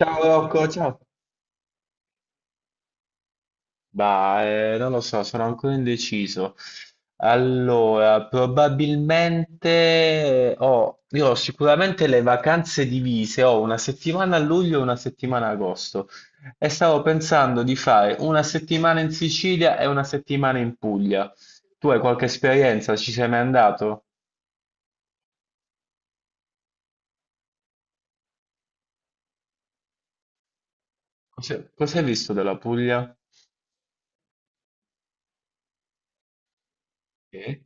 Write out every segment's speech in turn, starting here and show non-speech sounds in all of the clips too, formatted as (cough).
Ciao Rocco, ciao. Bah, non lo so, sono ancora indeciso. Allora, probabilmente io ho sicuramente le vacanze divise, ho una settimana a luglio e una settimana a agosto e stavo pensando di fare una settimana in Sicilia e una settimana in Puglia. Tu hai qualche esperienza? Ci sei mai andato? Cosa hai visto della Puglia? Sì.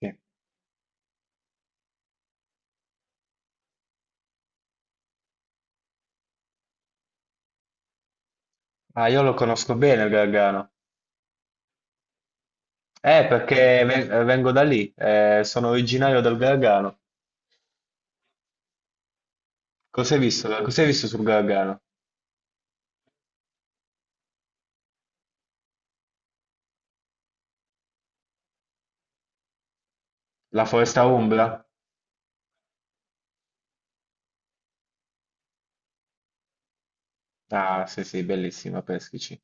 Sì. Ah, io lo conosco bene il Gargano. Perché vengo da lì, sono originario del Gargano. Cos'hai visto? Cos'hai visto sul Gargano? La foresta Umbra? Ah, sì, sì, bellissima, peschici.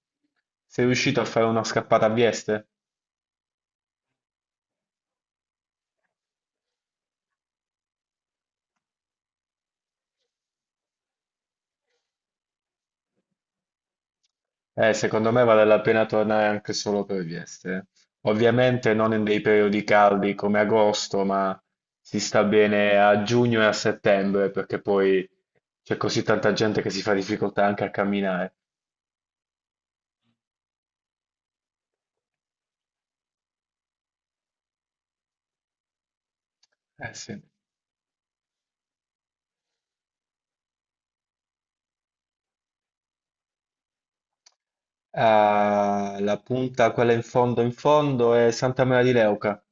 Sei riuscito a fare una scappata a Vieste? Secondo me vale la pena tornare anche solo per Vieste, eh. Ovviamente non in dei periodi caldi come agosto, ma si sta bene a giugno e a settembre, perché poi c'è così tanta gente che si fa difficoltà anche a camminare. Eh sì. Ah, la punta, quella in fondo, è Santa Maria di Leuca.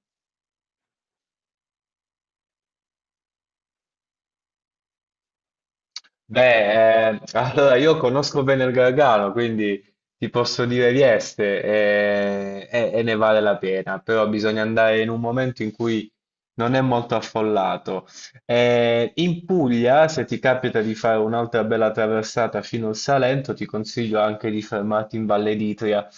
Beh, allora io conosco bene il Gargano, quindi ti posso dire Vieste e ne vale la pena, però bisogna andare in un momento in cui non è molto affollato. In Puglia, se ti capita di fare un'altra bella traversata fino al Salento, ti consiglio anche di fermarti in Valle d'Itria.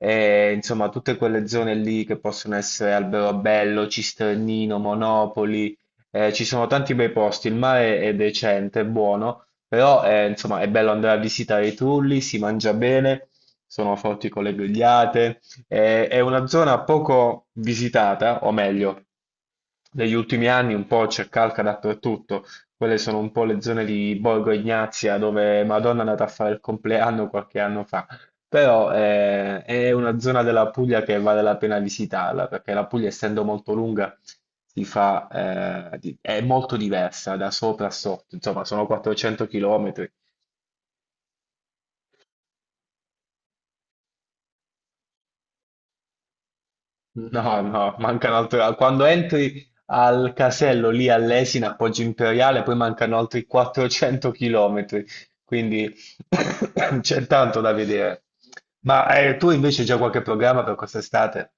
Insomma tutte quelle zone lì che possono essere Alberobello, Cisternino, Monopoli. Ci sono tanti bei posti, il mare è decente, è buono, però insomma è bello andare a visitare i trulli, si mangia bene, sono forti con le grigliate, è una zona poco visitata, o meglio, negli ultimi anni un po' c'è calca dappertutto, quelle sono un po' le zone di Borgo Ignazia dove Madonna è andata a fare il compleanno qualche anno fa. Però è una zona della Puglia che vale la pena visitarla, perché la Puglia, essendo molto lunga, si fa, è molto diversa da sopra a sotto, insomma, sono 400 km. No, no, mancano altri. Quando entri al casello lì all'Esina, a Poggio Imperiale, poi mancano altri 400 km, quindi (coughs) c'è tanto da vedere. Ma tu invece hai già qualche programma per quest'estate?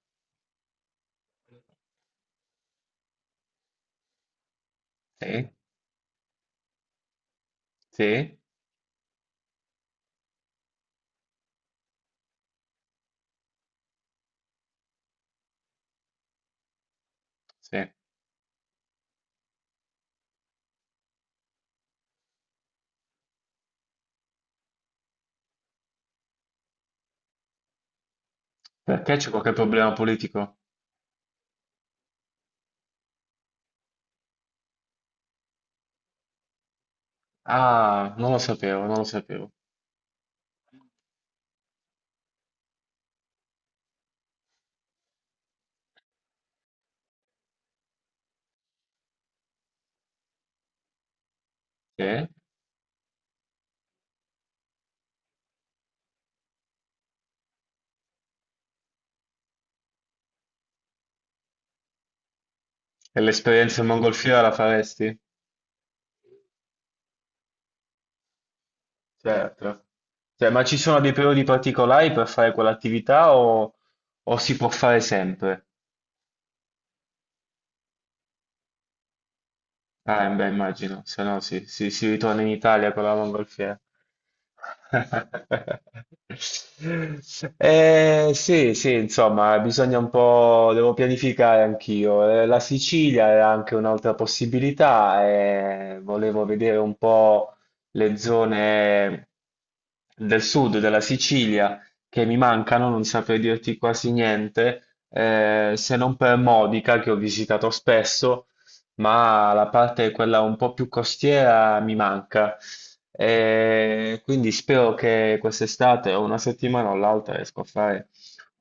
Sì, sì, sì. Perché c'è qualche problema politico? Ah, non lo sapevo, non lo sapevo. Eh? E l'esperienza in mongolfiera la faresti? Certo. Cioè, ma ci sono dei periodi particolari per fare quell'attività o si può fare sempre? Ah, beh, immagino, se no sì, si ritorna in Italia con la mongolfiera. (laughs) Sì, sì, insomma, bisogna un po', devo pianificare anch'io. La Sicilia è anche un'altra possibilità e volevo vedere un po' le zone del sud della Sicilia che mi mancano, non saprei dirti quasi niente, se non per Modica che ho visitato spesso, ma la parte quella un po' più costiera mi manca. E quindi spero che quest'estate o una settimana o l'altra riesco a fare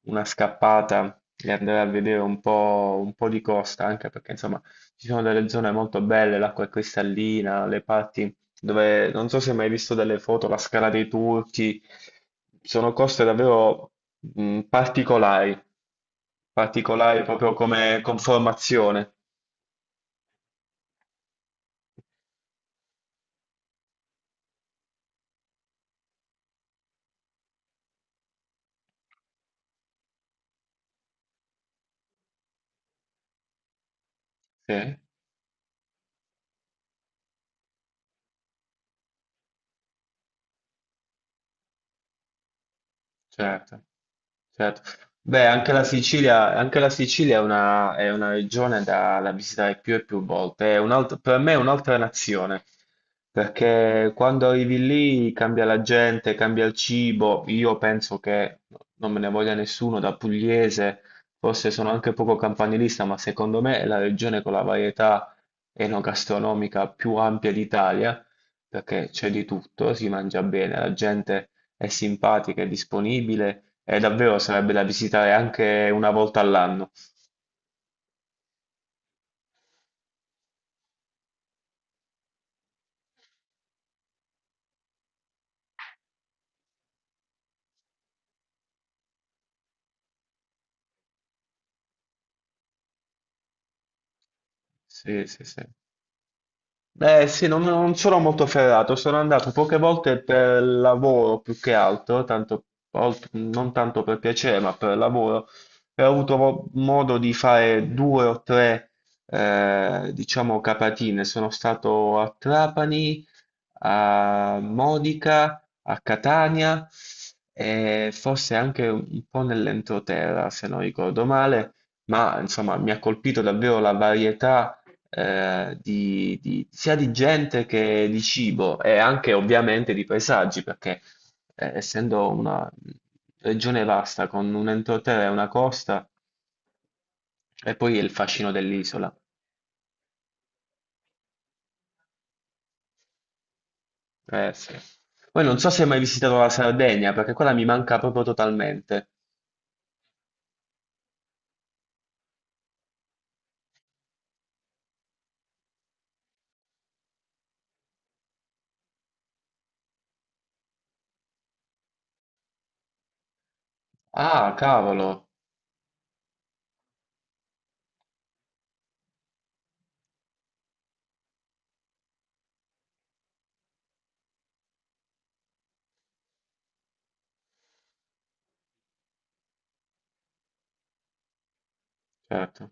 una scappata e andare a vedere un po' di costa, anche perché insomma ci sono delle zone molto belle, l'acqua è cristallina, le parti dove, non so se hai mai visto delle foto, la Scala dei Turchi, sono coste davvero particolari, particolari proprio come conformazione. Sì. Certo, certo. Beh, anche la Sicilia è è una regione da visitare più e più volte. Per me è un'altra nazione, perché quando arrivi lì cambia la gente, cambia il cibo. Io penso che non me ne voglia nessuno da pugliese, forse sono anche poco campanilista, ma secondo me è la regione con la varietà enogastronomica più ampia d'Italia, perché c'è di tutto, si mangia bene, la gente è simpatica, è disponibile e davvero sarebbe da visitare anche una volta all'anno. Sì, sì, sì. Eh sì, non sono molto ferrato, sono andato poche volte per lavoro più che altro, tanto, non tanto per piacere, ma per lavoro, e ho avuto modo di fare due o tre, diciamo, capatine. Sono stato a Trapani, a Modica, a Catania e forse anche un po' nell'entroterra, se non ricordo male, ma insomma mi ha colpito davvero la varietà sia di gente che di cibo e anche ovviamente di paesaggi, perché essendo una regione vasta con un entroterra e una costa, e poi il fascino dell'isola. Sì. Poi non so se hai mai visitato la Sardegna, perché quella mi manca proprio totalmente. Ah, cavolo, certo.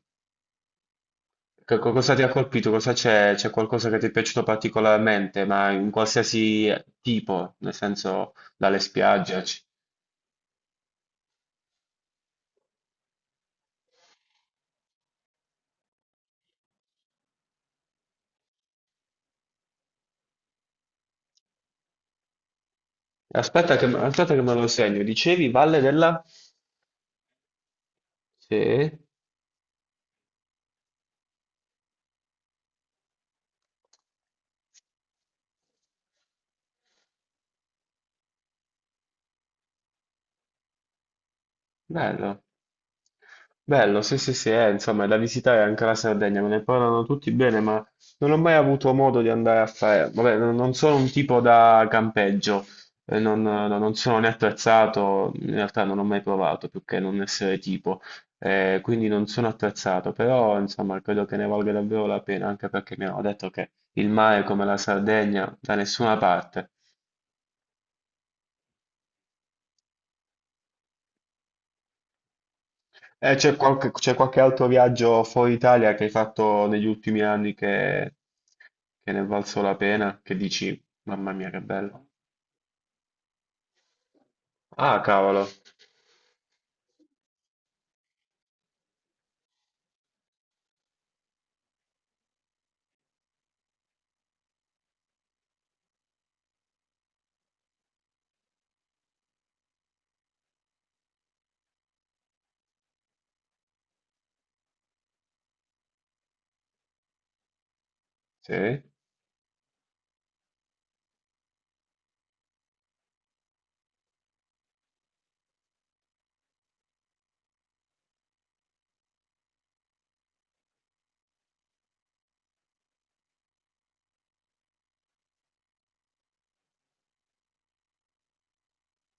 Cosa ti ha colpito? Cosa c'è? C'è qualcosa che ti è piaciuto particolarmente, ma in qualsiasi tipo, nel senso dalle spiagge? Aspetta che me lo segno. Dicevi Valle della... Sì, bello. Bello, sì, sì, sì, insomma, da visitare anche la Sardegna, me ne parlano tutti bene, ma non ho mai avuto modo di andare a fare... Vabbè, non sono un tipo da campeggio, non sono né attrezzato, in realtà non ho mai provato, più che non essere tipo, quindi non sono attrezzato, però insomma, credo che ne valga davvero la pena, anche perché mi hanno detto che il mare come la Sardegna da nessuna parte. C'è qualche altro viaggio fuori Italia che hai fatto negli ultimi anni che ne è valso la pena? Che dici, mamma mia, che bello. Ah, cavolo. Sì,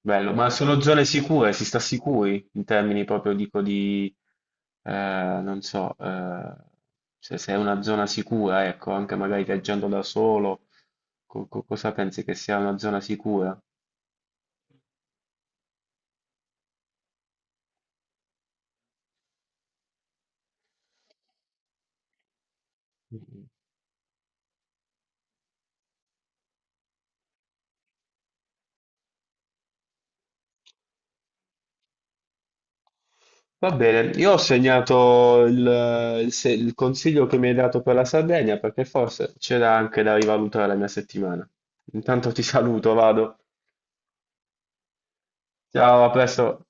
bello. Ma sono zone sicure, si sta sicuri in termini proprio, dico, di, non so, se è una zona sicura, ecco, anche magari viaggiando da solo, cosa pensi che sia una zona sicura? Va bene, io ho segnato il se- il consiglio che mi hai dato per la Sardegna perché forse c'era anche da rivalutare la mia settimana. Intanto ti saluto, vado. Ciao, a presto.